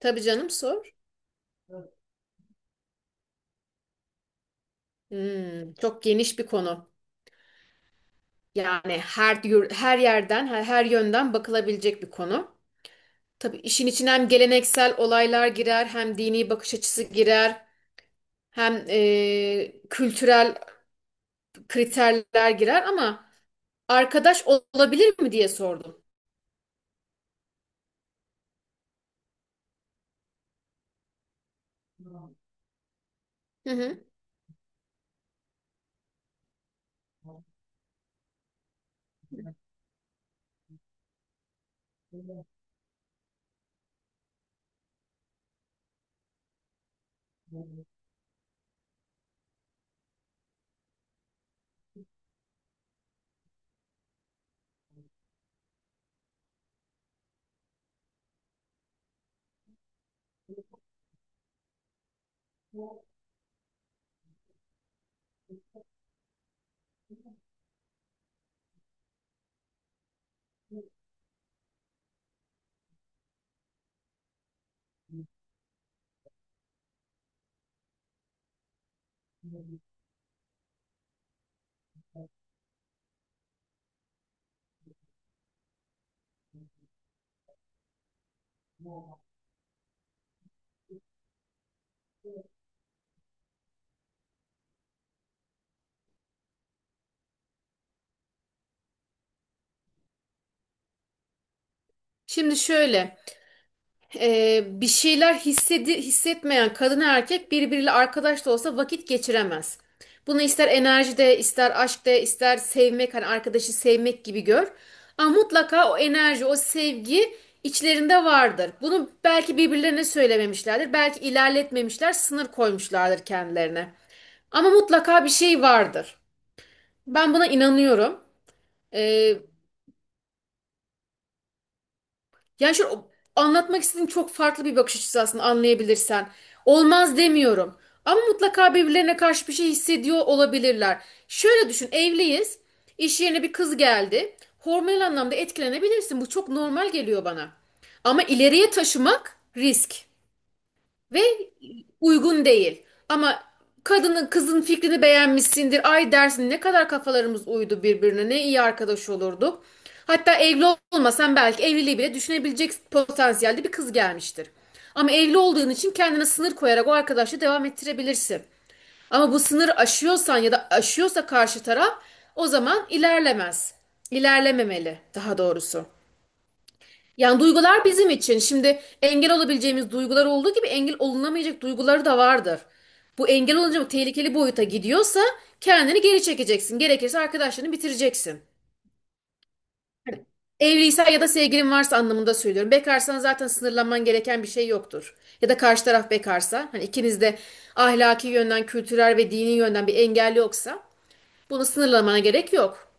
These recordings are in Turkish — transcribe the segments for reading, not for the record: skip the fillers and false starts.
Tabii canım sor. Hmm, çok geniş bir konu. Yani her yerden, her yönden bakılabilecek bir konu. Tabii işin içine hem geleneksel olaylar girer, hem dini bakış açısı girer, hem kültürel kriterler girer ama arkadaş olabilir mi diye sordum. Hı hı. Şimdi şöyle. Bir şeyler hissetmeyen kadın erkek birbiriyle arkadaş da olsa vakit geçiremez. Bunu ister enerjide, ister aşkta, ister sevmek, hani arkadaşı sevmek gibi gör. Ama mutlaka o enerji, o sevgi içlerinde vardır. Bunu belki birbirlerine söylememişlerdir, belki ilerletmemişler, sınır koymuşlardır kendilerine. Ama mutlaka bir şey vardır. Ben buna inanıyorum. E, Yani anlatmak istediğim çok farklı bir bakış açısı aslında anlayabilirsen. Olmaz demiyorum. Ama mutlaka birbirlerine karşı bir şey hissediyor olabilirler. Şöyle düşün, evliyiz. İş yerine bir kız geldi. Hormonal anlamda etkilenebilirsin. Bu çok normal geliyor bana. Ama ileriye taşımak risk ve uygun değil. Ama kadının kızın fikrini beğenmişsindir. Ay dersin ne kadar kafalarımız uydu birbirine. Ne iyi arkadaş olurduk. Hatta evli olmasan belki evliliği bile düşünebilecek potansiyelde bir kız gelmiştir. Ama evli olduğun için kendine sınır koyarak o arkadaşla devam ettirebilirsin. Ama bu sınır aşıyorsan ya da aşıyorsa karşı taraf o zaman ilerlemez. İlerlememeli daha doğrusu. Yani duygular bizim için. Şimdi engel olabileceğimiz duygular olduğu gibi engel olunamayacak duyguları da vardır. Bu engel olunca bu tehlikeli boyuta gidiyorsa kendini geri çekeceksin. Gerekirse arkadaşlarını bitireceksin. Evliysen ya da sevgilin varsa anlamında söylüyorum. Bekarsan zaten sınırlanman gereken bir şey yoktur. Ya da karşı taraf bekarsa, hani ikiniz de ahlaki yönden, kültürel ve dini yönden bir engel yoksa bunu sınırlamana gerek yok.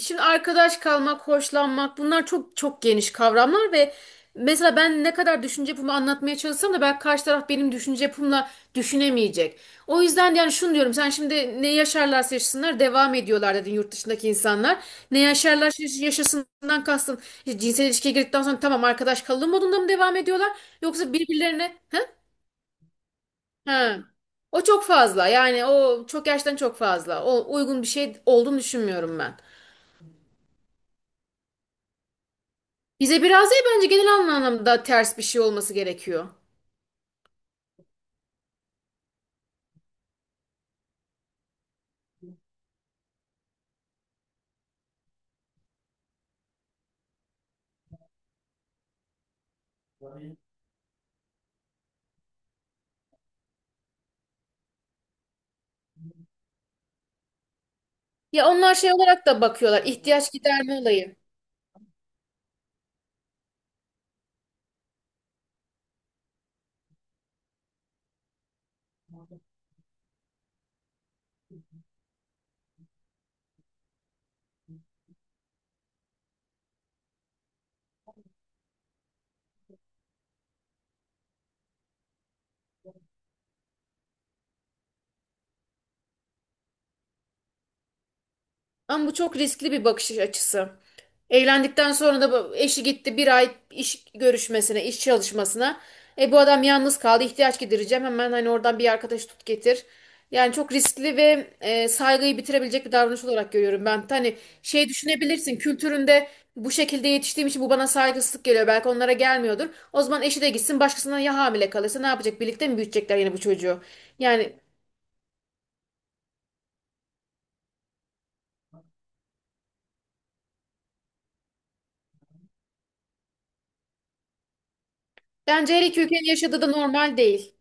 Şimdi arkadaş kalmak, hoşlanmak bunlar çok geniş kavramlar ve mesela ben ne kadar düşünce yapımı anlatmaya çalışsam da belki karşı taraf benim düşünce yapımla düşünemeyecek. O yüzden yani şunu diyorum sen şimdi ne yaşarlarsa yaşasınlar devam ediyorlar dedin yurt dışındaki insanlar. Ne yaşarlar yaşasından kastın işte cinsel ilişkiye girdikten sonra tamam arkadaş kalalım modunda mı devam ediyorlar yoksa birbirlerine he? He. O çok fazla yani o çok gerçekten çok fazla. O uygun bir şey olduğunu düşünmüyorum ben. Bize biraz değil bence genel anlamda ters bir şey olması gerekiyor. Ya onlar şey olarak da bakıyorlar. İhtiyaç giderme olayı. Ama bu çok riskli bir bakış açısı. Evlendikten sonra da eşi gitti bir ay iş görüşmesine, iş çalışmasına. E bu adam yalnız kaldı, ihtiyaç gidereceğim. Hemen hani oradan bir arkadaş tut getir. Yani çok riskli ve saygıyı bitirebilecek bir davranış olarak görüyorum ben. Hani şey düşünebilirsin, kültüründe bu şekilde yetiştiğim için bu bana saygısızlık geliyor. Belki onlara gelmiyordur. O zaman eşi de gitsin, başkasından ya hamile kalırsa ne yapacak? Birlikte mi büyütecekler yine bu çocuğu? Yani bence her iki ülkenin yaşadığı da normal değil.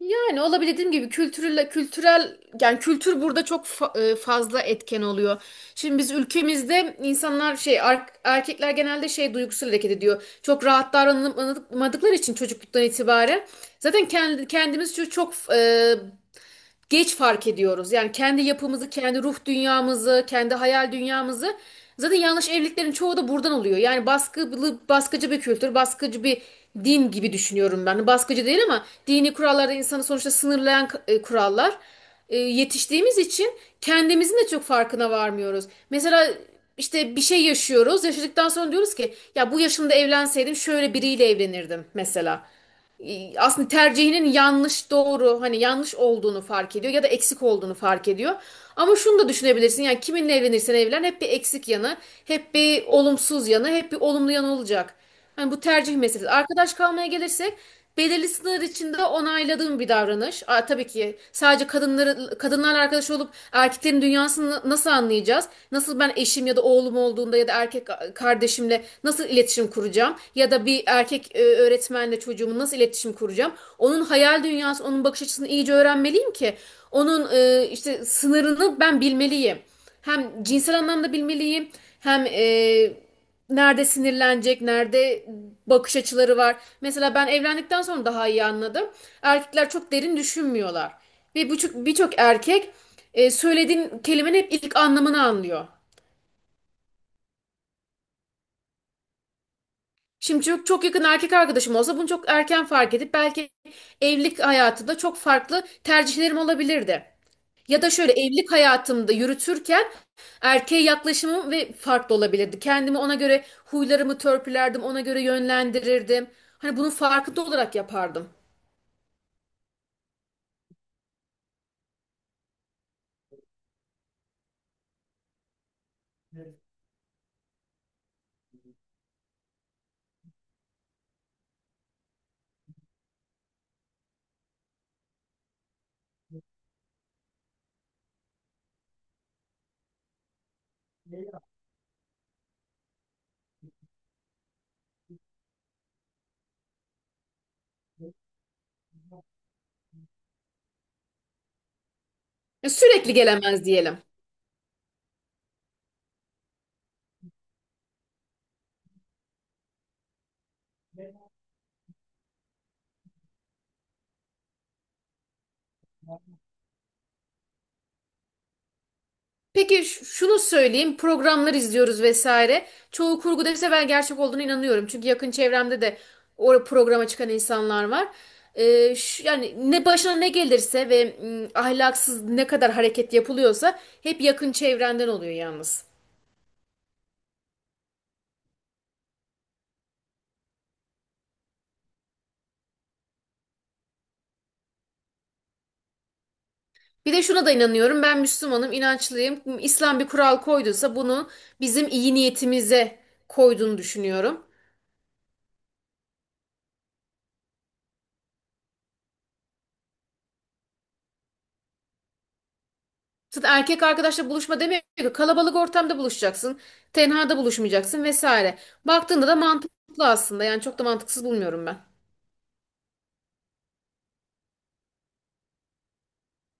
Yani olabilir dediğim gibi kültürel yani kültür burada fazla etken oluyor. Şimdi biz ülkemizde insanlar erkekler genelde şey duygusal hareket ediyor. Çok rahat davranılmadıkları için çocukluktan itibaren zaten kendi kendimiz çok geç fark ediyoruz. Yani kendi yapımızı, kendi ruh dünyamızı, kendi hayal dünyamızı. Zaten yanlış evliliklerin çoğu da buradan oluyor. Yani baskılı, baskıcı bir kültür, baskıcı bir din gibi düşünüyorum ben. Baskıcı değil ama dini kurallarda insanı sonuçta sınırlayan kurallar. Yetiştiğimiz için kendimizin de çok farkına varmıyoruz. Mesela işte bir şey yaşıyoruz. Yaşadıktan sonra diyoruz ki ya bu yaşımda evlenseydim şöyle biriyle evlenirdim mesela aslında tercihinin yanlış doğru hani yanlış olduğunu fark ediyor ya da eksik olduğunu fark ediyor. Ama şunu da düşünebilirsin yani kiminle evlenirsen evlen hep bir eksik yanı, hep bir olumsuz yanı, hep bir olumlu yanı olacak. Hani bu tercih meselesi. Arkadaş kalmaya gelirsek belirli feministler için de onayladığım bir davranış. Aa, tabii ki sadece kadınları kadınlarla arkadaş olup erkeklerin dünyasını nasıl anlayacağız? Nasıl ben eşim ya da oğlum olduğunda ya da erkek kardeşimle nasıl iletişim kuracağım? Ya da bir erkek öğretmenle çocuğumu nasıl iletişim kuracağım? Onun hayal dünyası, onun bakış açısını iyice öğrenmeliyim ki onun işte sınırını ben bilmeliyim. Hem cinsel anlamda bilmeliyim, hem nerede sinirlenecek, nerede bakış açıları var. Mesela ben evlendikten sonra daha iyi anladım. Erkekler çok derin düşünmüyorlar. Ve birçok erkek söylediğin kelimenin hep ilk anlamını anlıyor. Şimdi çok yakın erkek arkadaşım olsa bunu çok erken fark edip belki evlilik hayatında çok farklı tercihlerim olabilirdi. Ya da şöyle evlilik hayatımda yürütürken erkeğe yaklaşımım ve farklı olabilirdi. Kendimi ona göre huylarımı törpülerdim, ona göre yönlendirirdim. Hani bunun farkında olarak yapardım. Ya sürekli gelemez diyelim. Peki şunu söyleyeyim. Programlar izliyoruz vesaire. Çoğu kurgu dese ben gerçek olduğuna inanıyorum. Çünkü yakın çevremde de o programa çıkan insanlar var. Yani ne başına ne gelirse ve ahlaksız ne kadar hareket yapılıyorsa hep yakın çevrenden oluyor yalnız. Bir de şuna da inanıyorum. Ben Müslümanım, inançlıyım. İslam bir kural koyduysa bunu bizim iyi niyetimize koyduğunu düşünüyorum. Zaten erkek arkadaşla buluşma demiyor ki kalabalık ortamda buluşacaksın. Tenhada buluşmayacaksın vesaire. Baktığında da mantıklı aslında. Yani çok da mantıksız bulmuyorum ben.